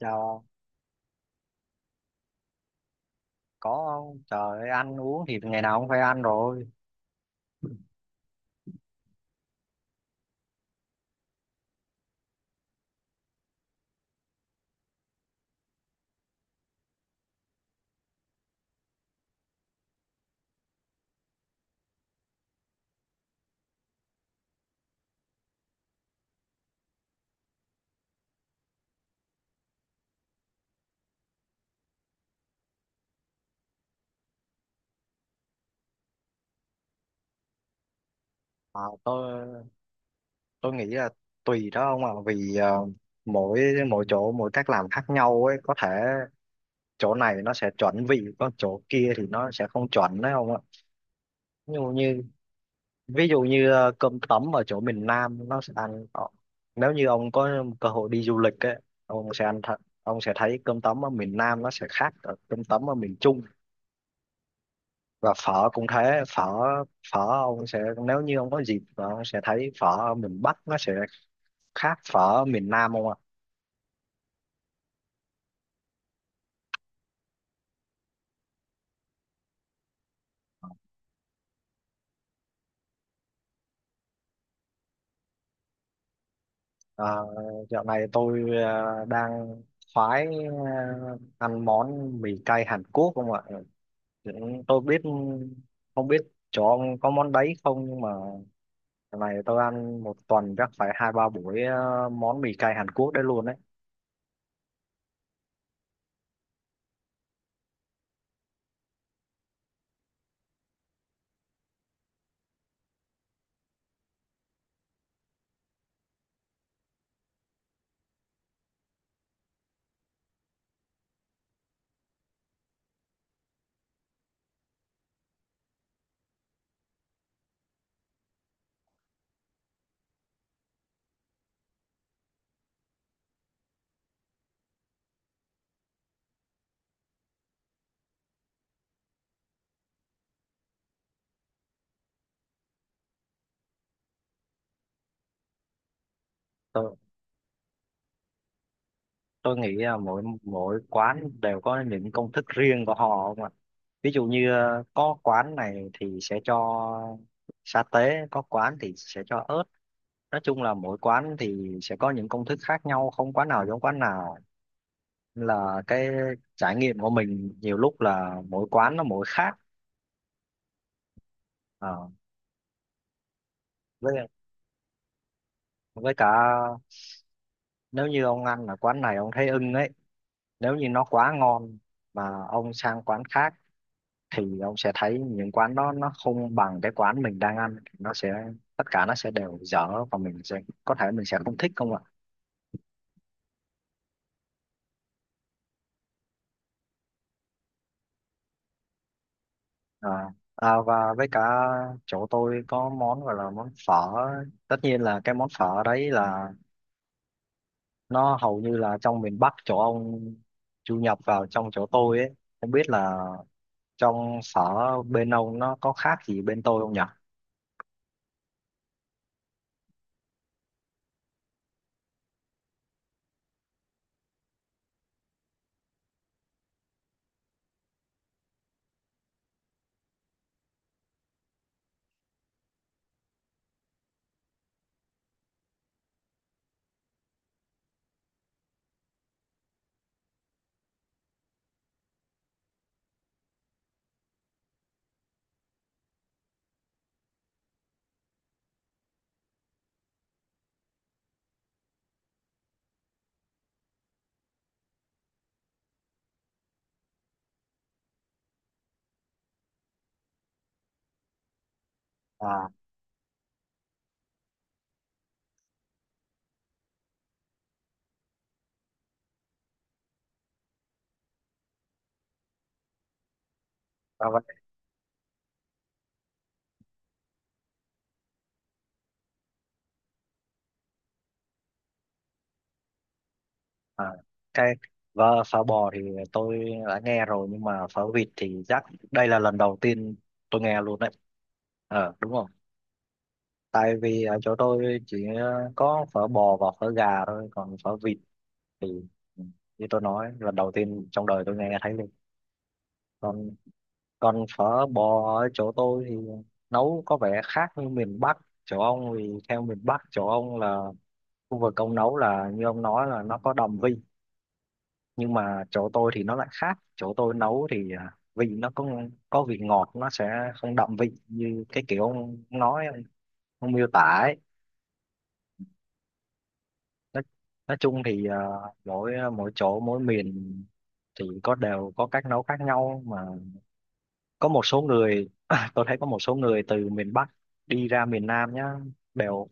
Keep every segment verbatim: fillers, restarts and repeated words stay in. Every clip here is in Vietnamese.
Chào ông, có không? Trời ơi, ăn uống thì ngày nào cũng phải ăn rồi. À, tôi tôi nghĩ là tùy đó ông ạ, vì ờ, mỗi mỗi chỗ mỗi cách làm khác nhau ấy, có thể chỗ này nó sẽ chuẩn vị, còn chỗ kia thì nó sẽ không chuẩn đấy, không ạ? Ví dụ như ví dụ như ờ, cơm tấm ở chỗ miền Nam nó sẽ ăn ờ, nếu như ông có cơ hội đi du lịch ấy, ông sẽ ăn thật, ông sẽ thấy cơm tấm ở miền Nam nó sẽ khác ở cơm tấm ở miền Trung. Và phở cũng thế, phở phở ông sẽ, nếu như ông có dịp và ông sẽ thấy phở ở miền Bắc nó sẽ khác phở ở miền Nam, không ạ? À, dạo này tôi ờ, đang khoái, ờ, ăn món mì cay Hàn Quốc, không ạ? Dạ, tôi biết không biết chỗ ông có món đấy không, nhưng mà lần này tôi ăn một tuần chắc phải hai ba buổi ờ, món mì cay Hàn Quốc đấy luôn đấy. Tôi tôi nghĩ là mỗi mỗi quán đều có những công thức riêng của họ, không ạ? Ví dụ như ờ, có quán này thì sẽ cho sa tế, có quán thì sẽ cho ớt. Nói chung là mỗi quán thì sẽ có những công thức khác nhau, không quán nào giống quán nào. Nên là cái trải nghiệm của mình nhiều lúc là mỗi quán nó mỗi khác. Ờ, với với cả nếu như ông ăn ở quán này ông thấy ưng ấy, nếu như nó quá ngon mà ông sang quán khác thì ông sẽ thấy những quán đó nó không bằng cái quán mình đang ăn, nó sẽ, tất cả nó sẽ đều dở và mình sẽ, có thể mình sẽ không thích, không ạ? à, à, và với cả chỗ tôi có món gọi là món phở. Tất nhiên là cái món phở đấy là nó hầu như là trong miền Bắc chỗ ông du nhập vào trong chỗ tôi ấy. Không biết là trong sở bên ông nó có khác gì bên tôi không nhỉ? À, ra vậy. À cái Và phở bò thì tôi đã nghe rồi, nhưng mà phở vịt thì chắc đây là lần đầu tiên tôi nghe luôn đấy, ờ, đúng không? Tại vì ở chỗ tôi chỉ ờ, có phở bò và phở gà thôi, còn phở vịt thì, ừ, như tôi nói lần đầu tiên trong đời tôi nghe thấy luôn. Còn còn phở bò ở chỗ tôi thì nấu có vẻ khác như miền Bắc chỗ ông, vì theo miền Bắc chỗ ông là khu vực ông nấu là như ông nói là nó có đồng vị, nhưng mà chỗ tôi thì nó lại khác, chỗ tôi nấu thì à, vị nó có có vị ngọt, nó sẽ không đậm vị như cái kiểu ông nói, ông, ông miêu tả ấy. Nói, nói chung thì à, mỗi à, mỗi chỗ mỗi miền thì có đều có cách nấu khác nhau, mà có một số người tôi thấy có một số người từ miền Bắc đi ra miền Nam nhá đều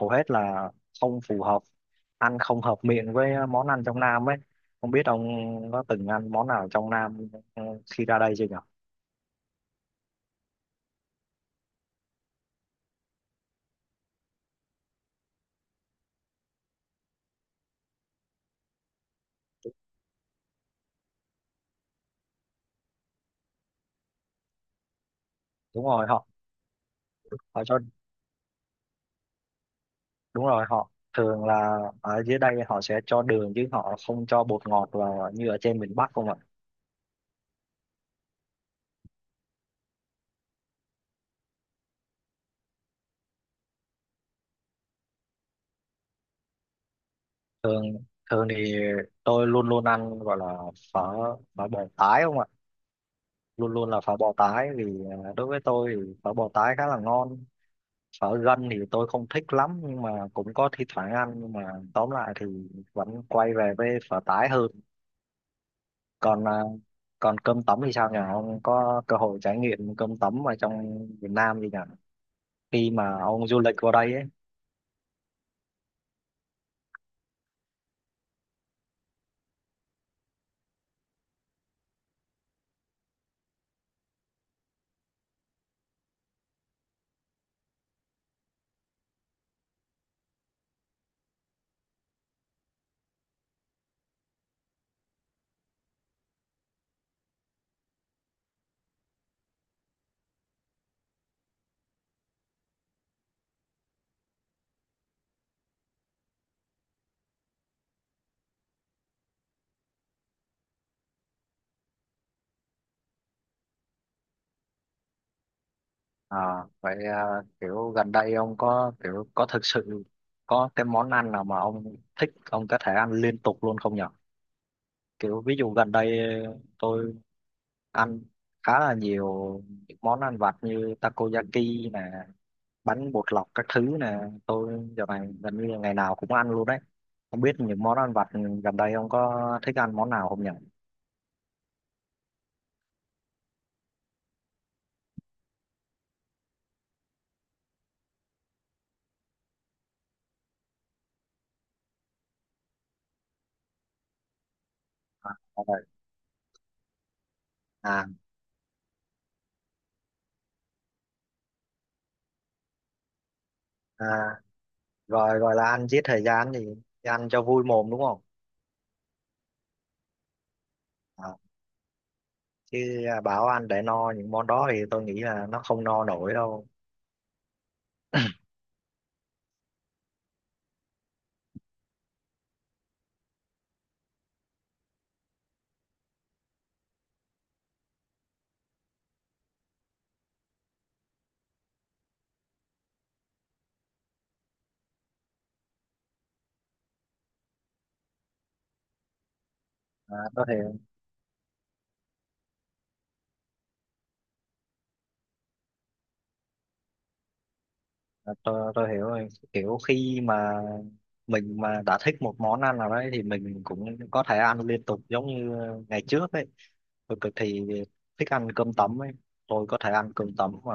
hầu hết là không phù hợp, ăn không hợp miệng với món ăn trong Nam ấy. Không biết ông có từng ăn món nào trong Nam, ừ, khi ra đây chưa nhỉ? Đúng rồi, họ họ cho đúng rồi, họ thường là ở dưới đây họ sẽ cho đường chứ họ không cho bột ngọt vào như ở trên miền Bắc, không ạ? Thường thường thì tôi luôn luôn ăn gọi là phở phở bò tái, không ạ? Luôn luôn là phở bò tái, vì à, đối với tôi thì phở bò tái khá là ngon. Phở gân thì tôi không thích lắm, nhưng mà cũng có thi thoảng ăn, nhưng mà tóm lại thì vẫn quay về với phở tái hơn. Còn à, còn cơm tấm thì sao nhỉ? Ông có cơ hội trải nghiệm cơm tấm ở trong Việt Nam gì nhỉ, khi mà ông du lịch qua đây ấy? À, vậy à, kiểu gần đây ông có kiểu có thực sự có cái món ăn nào mà ông thích ông có thể ăn liên tục luôn không nhỉ? Kiểu ví dụ gần đây tôi ăn khá là nhiều những món ăn vặt như takoyaki nè, bánh bột lọc các thứ nè, tôi giờ này gần như là ngày nào cũng ăn luôn đấy. Không biết những món ăn vặt gần đây ông có thích ăn món nào không nhỉ? À, rồi. à, à gọi gọi là ăn giết thời gian thì ăn cho vui mồm, đúng không? À, chứ à, bảo ăn để no những món đó thì tôi nghĩ là nó không no nổi đâu. À, có thể. À, tôi tôi hiểu rồi, kiểu khi mà mình mà đã thích một món ăn nào đấy thì mình cũng có thể ăn liên tục, giống như ngày trước ấy, tôi cực thì thích ăn cơm tấm ấy. Tôi có thể ăn cơm tấm mà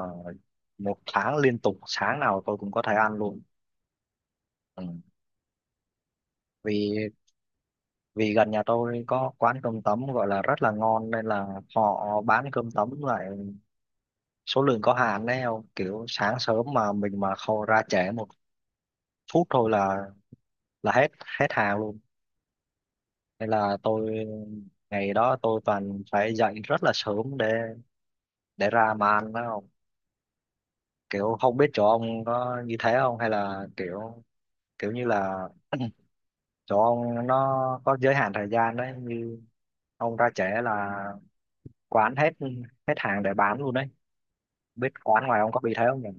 một tháng liên tục, sáng nào tôi cũng có thể ăn luôn. Ừ. vì vì gần nhà tôi có quán cơm tấm gọi là rất là ngon, nên là họ bán cơm tấm lại số lượng có hạn đấy, không kiểu sáng sớm mà mình mà không ra trễ một phút thôi là là hết hết hàng luôn. Nên là tôi, ngày đó tôi toàn phải dậy rất là sớm để để ra mà ăn đó, không kiểu không biết chỗ ông có như thế không, hay là kiểu kiểu như là chỗ ông nó có giới hạn thời gian đấy, như ông ra trễ là quán hết hết hàng để bán luôn đấy. Biết quán ngoài ông có bị thế không nhỉ?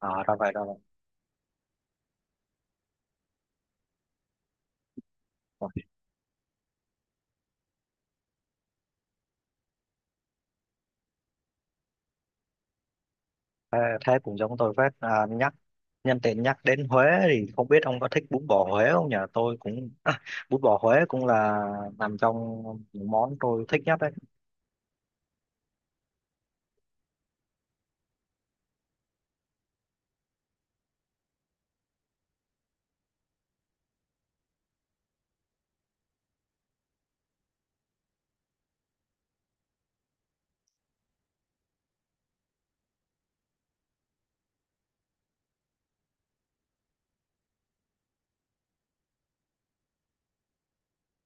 À, ra vậy, ra vậy. Ủa, thế, thế cũng giống tôi phết. À, nhắc Nhân tiện nhắc đến Huế thì không biết ông có thích bún bò Huế không nhỉ? Tôi cũng à, bún bò Huế cũng là nằm trong những món tôi thích nhất đấy.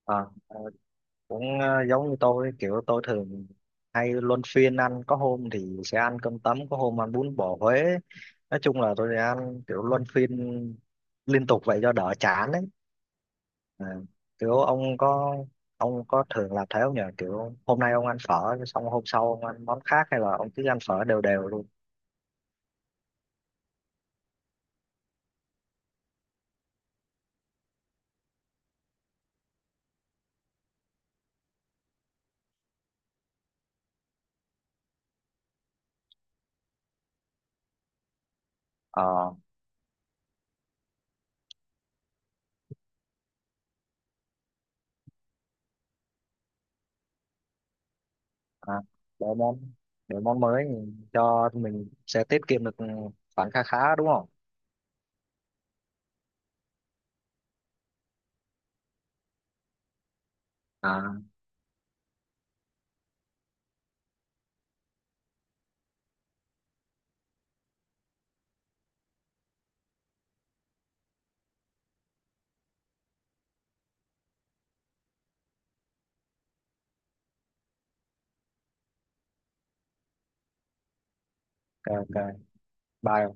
À, ờ, cũng ờ, giống như tôi, kiểu tôi thường hay luân phiên ăn, có hôm thì sẽ ăn cơm tấm, có hôm ăn bún bò Huế. Nói chung là tôi sẽ ăn kiểu luân phiên liên tục vậy cho đỡ chán đấy. À, kiểu ông có ông có thường làm thế không nhỉ? Kiểu hôm nay ông ăn phở xong hôm sau ông ăn món khác, hay là ông cứ ăn phở đều đều luôn? Ờ, à, đổi món đổi món mới cho mình sẽ tiết kiệm được khoản kha khá, đúng không? À, ok, ok, bye.